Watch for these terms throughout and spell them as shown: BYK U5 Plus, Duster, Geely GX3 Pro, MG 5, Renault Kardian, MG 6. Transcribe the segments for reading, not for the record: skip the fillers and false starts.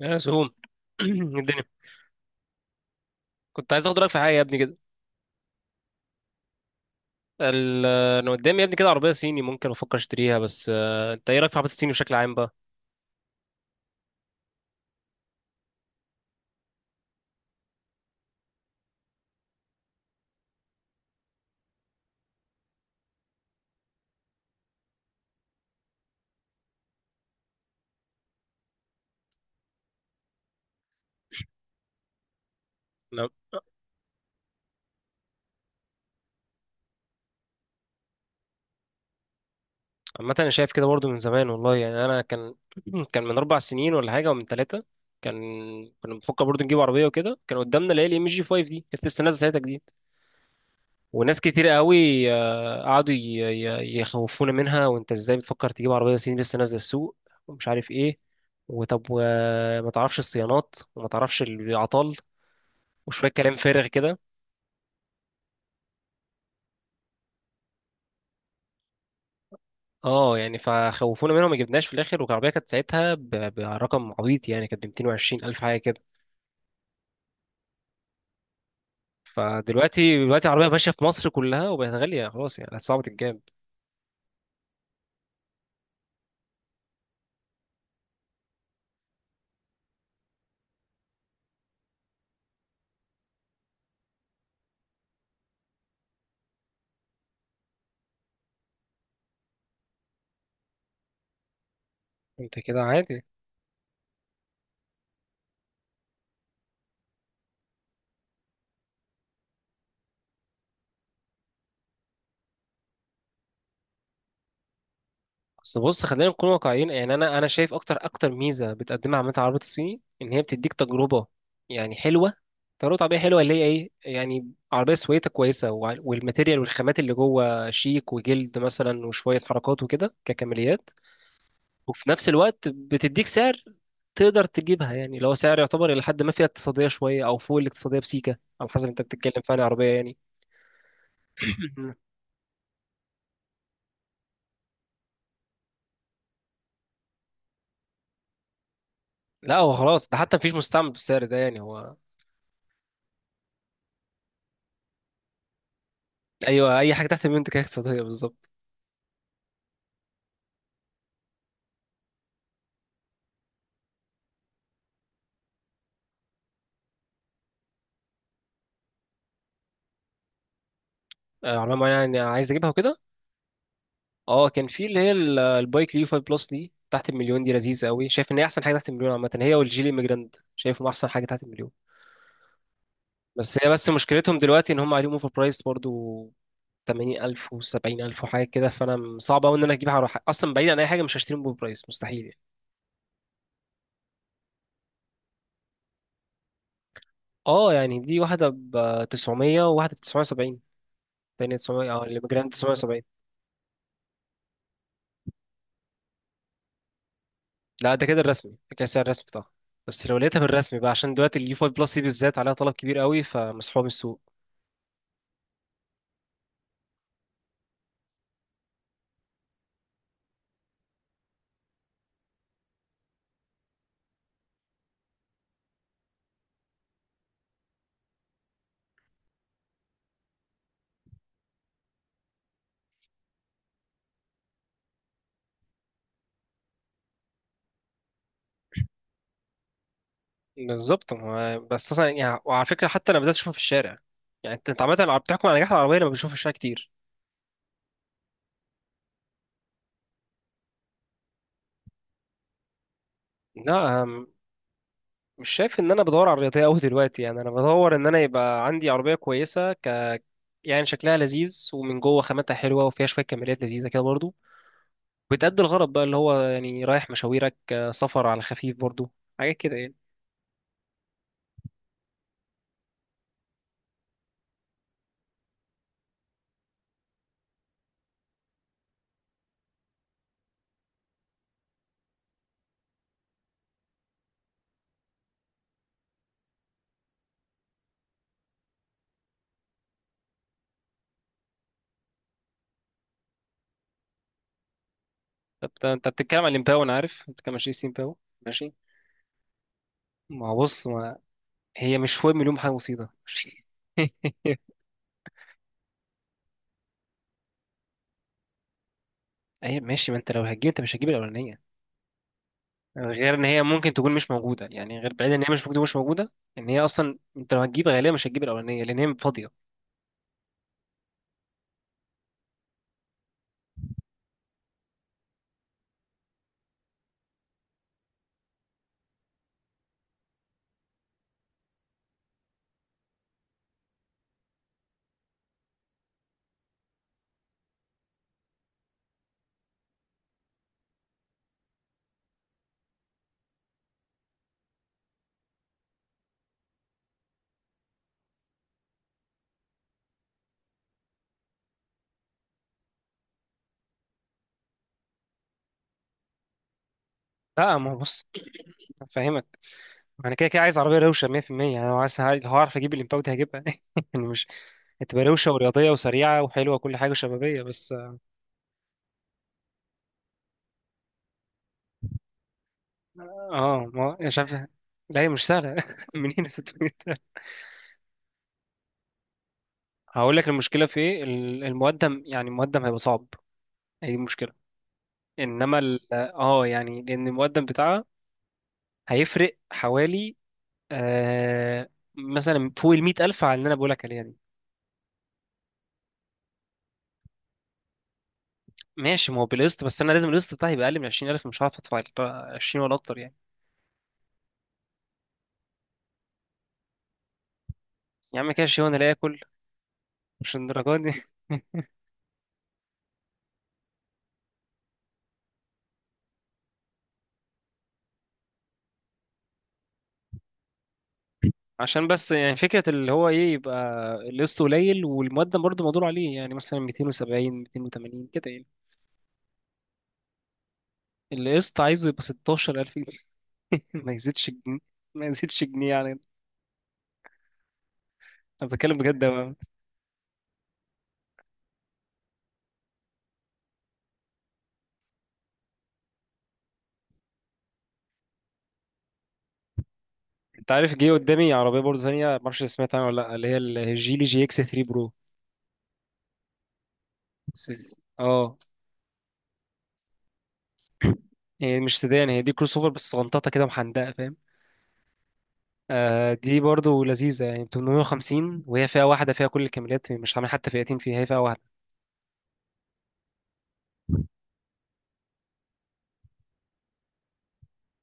يا سهوم الدنيا. كنت عايز اخد رايك في حاجه يا ابني كده. ال- انا قدامي يا ابني كده عربيه صيني ممكن افكر اشتريها، بس انت ايه رايك في عربيات الصيني بشكل عام بقى؟ انا عامه انا شايف كده برضو من زمان والله، يعني انا كان كان من اربع سنين ولا حاجه ومن ثلاثه، كان كنا بنفكر برضو نجيب عربيه، وكده كان قدامنا اللي هي الام جي 5 دي، كانت لسه نازله ساعتها جديد. وناس كتير قوي قعدوا يخوفونا منها، وانت ازاي بتفكر تجيب عربيه صيني لسه نازله السوق ومش عارف ايه، وطب وما تعرفش الصيانات وما تعرفش العطال وشويه كلام فارغ كده. اه يعني فخوفونا منهم ما جبناش في الاخر، والعربيه كانت ساعتها برقم عبيط، يعني كانت ب 220 الف حاجه كده. فدلوقتي دلوقتي العربيه ماشيه في مصر كلها، وبقت غاليه خلاص، يعني صعبه الجاب. انت كده عادي. بس بص خلينا نكون واقعيين، يعني انا شايف اكتر اكتر ميزه بتقدمها عامه العربيات الصيني ان هي بتديك تجربه، يعني حلوه، تجربه عربيه حلوه اللي هي ايه، يعني عربيه سويتها كويسه والماتيريال والخامات اللي جوه شيك وجلد مثلا وشويه حركات وكده ككماليات. وفي نفس الوقت بتديك سعر تقدر تجيبها، يعني اللي هو سعر يعتبر الى حد ما فيها اقتصاديه شويه او فوق الاقتصاديه بسيكه، على حسب انت بتتكلم في انهي عربيه يعني. لا هو خلاص، ده حتى مفيش مستعمل بالسعر ده يعني هو. ايوه، اي حاجه تحت المنتج هي اقتصاديه بالظبط. عربية معينة يعني عايز اجيبها وكده. اه كان في اللي هي البايك اليو 5 بلس دي تحت المليون، دي لذيذة قوي، شايف ان هي احسن حاجة تحت المليون عامة، هي والجيلي ميجراند شايفهم احسن حاجة تحت المليون. بس مشكلتهم دلوقتي ان هم عليهم اوفر برايس برضو 80000 و70000 ألف وحاجة كده. فانا صعب قوي ان انا اجيبها على حاجة. اصلا بعيد عن اي حاجة مش هشتريهم باوفر برايس، مستحيل يعني. اه يعني دي واحدة ب 900 وواحدة ب 970. تانية 900 اه اللي ميجراند 970. لا ده كده الرسمي، ده كده سعر الرسمي طبعا. بس لو لقيتها بالرسمي بقى، عشان دلوقتي اليو 5 بلس دي بالذات عليها طلب كبير قوي فمسحوبه من السوق. بالظبط. بس اصلا يعني، وعلى فكره حتى انا بدات اشوفها في الشارع. يعني انت عامه لو بتحكم على نجاح العربيه لما بشوفها في الشارع كتير. لا مش شايف ان انا بدور على الرياضيه قوي دلوقتي، يعني انا بدور ان انا يبقى عندي عربيه كويسه ك، يعني شكلها لذيذ ومن جوه خاماتها حلوه وفيها شويه كماليات لذيذه كده برضو. بتأدي الغرض بقى اللي هو يعني رايح مشاويرك، سفر على خفيف برضو، حاجات كده يعني. انت بتتكلم عن الامباو، انا عارف انت بتتكلم عن شيسي امباو. ماشي. ما هو بص، ما هي مش فوق مليون حاجه مصيبه ماشي. اي ماشي، ما انت لو هتجيب انت مش هتجيب الاولانيه. غير ان هي ممكن تكون مش موجوده، يعني غير بعيد ان هي مش موجوده، مش موجوده. ان هي اصلا انت لو هتجيب غالبا مش هتجيب الاولانيه لان هي فاضيه. لا ما هو بص، فاهمك. ما انا كده كده عايز عربيه روشه 100%. يعني لو عايز، لو هعرف اجيب الامباو دي هجيبها يعني مش، هتبقى روشه ورياضيه وسريعه وحلوه وكل حاجه شبابيه بس. اه ما يعني مش عارف. لا هي مش سهله. منين ال 600 ده؟ هقول لك المشكله في ايه، المقدم، يعني المقدم هيبقى صعب. هي دي المشكله. انما ال... اه يعني لان المقدم بتاعها هيفرق حوالي آه مثلا فوق ال 100000 على اللي انا بقول لك عليها دي. ماشي، ما هو بالقسط، بس انا لازم القسط بتاعي يبقى اقل من 20000. مش هعرف ادفع ال 20 ولا اكتر يعني. يا عم كده شيء وانا لا اكل. مش الدرجات دي. عشان بس يعني فكرة اللي هو ايه، يبقى القسط قليل والمقدم برضه مقدور عليه، يعني مثلا 270 280 كده يعني. القسط عايزه يبقى 16000 جنيه. ما يزيدش جنيه، ما يزيدش جنيه يعني. انا بتكلم بجد انت عارف جه قدامي عربية برضه ثانية ما اعرفش سمعت عنها ولا لا، اللي هي الجيلي جي اكس 3 برو. اه، هي مش سيدان، هي دي كروس اوفر بس غنططة كده محندقة فاهم. آه دي برضه لذيذة يعني 850، وهي فئة واحدة فيها كل الكاميرات، مش عامل حتى فئتين فيها، هي فئة واحدة.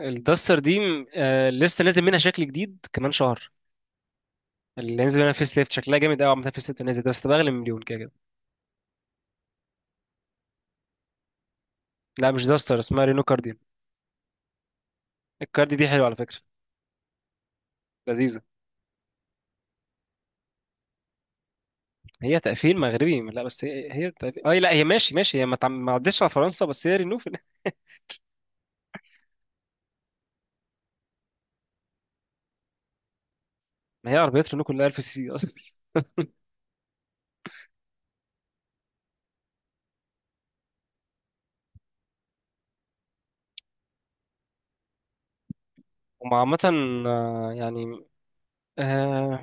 الداستر دي لسه نازل منها شكل جديد كمان شهر. اللي هينزل منها فيس ليفت شكلها جامد قوي عامة. فيس ليفت نازل ده بس بأغلى من مليون كده كده. لا مش داستر، اسمها رينو كارديان. الكاردي دي حلوة على فكرة، لذيذة. هي تقفيل مغربي، لا بس هي تقفيل اي، لا هي ماشي ماشي، هي ما عدتش على فرنسا، بس هي رينو في ما هي عربيات رينو كلها 1000 سي سي اصلا. وعامة يعني آه،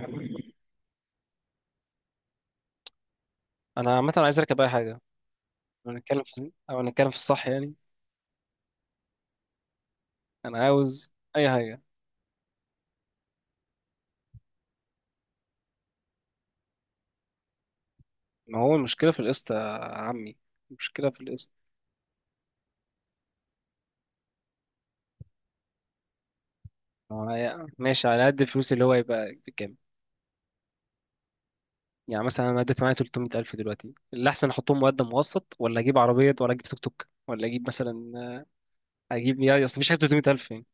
انا عامة عايز اركب اي حاجة. لو هنتكلم في، الصح يعني، انا عاوز اي حاجة. ما هو المشكلة في القسط يا عمي، المشكلة في القسط. معايا، ماشي على قد الفلوس اللي هو يبقى بكام. يعني مثلا انا اديت معايا 300000 ألف دلوقتي، اللي احسن احطهم مقدم مقسط ولا اجيب عربيه ولا اجيب توك توك ولا اجيب مثلا اجيب، يا اصل مفيش حاجه 300000 ألف يعني.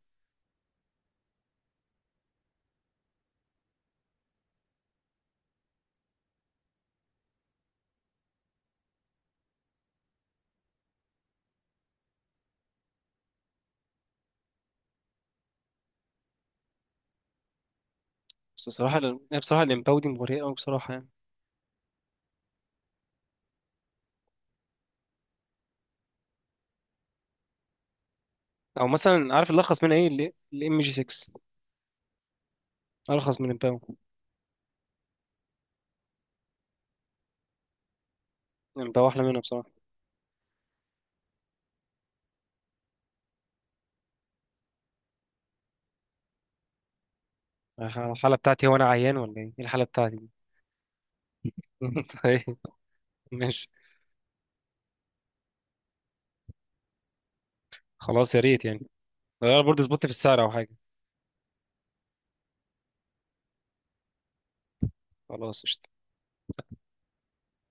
بس بصراحه أنا بصراحه الامباو دي مغريه قوي بصراحه يعني. او مثلا عارف اللي ارخص منها ايه؟ الام جي 6 ارخص من الامباو. الامباو احلى منها بصراحه. الحاله بتاعتي، هو انا عيان ولا ايه؟ إيه الحاله بتاعتي دي؟ طيب ماشي. خلاص يا ريت يعني، غير برضه ظبطت في السعر او حاجه. خلاص قشطة.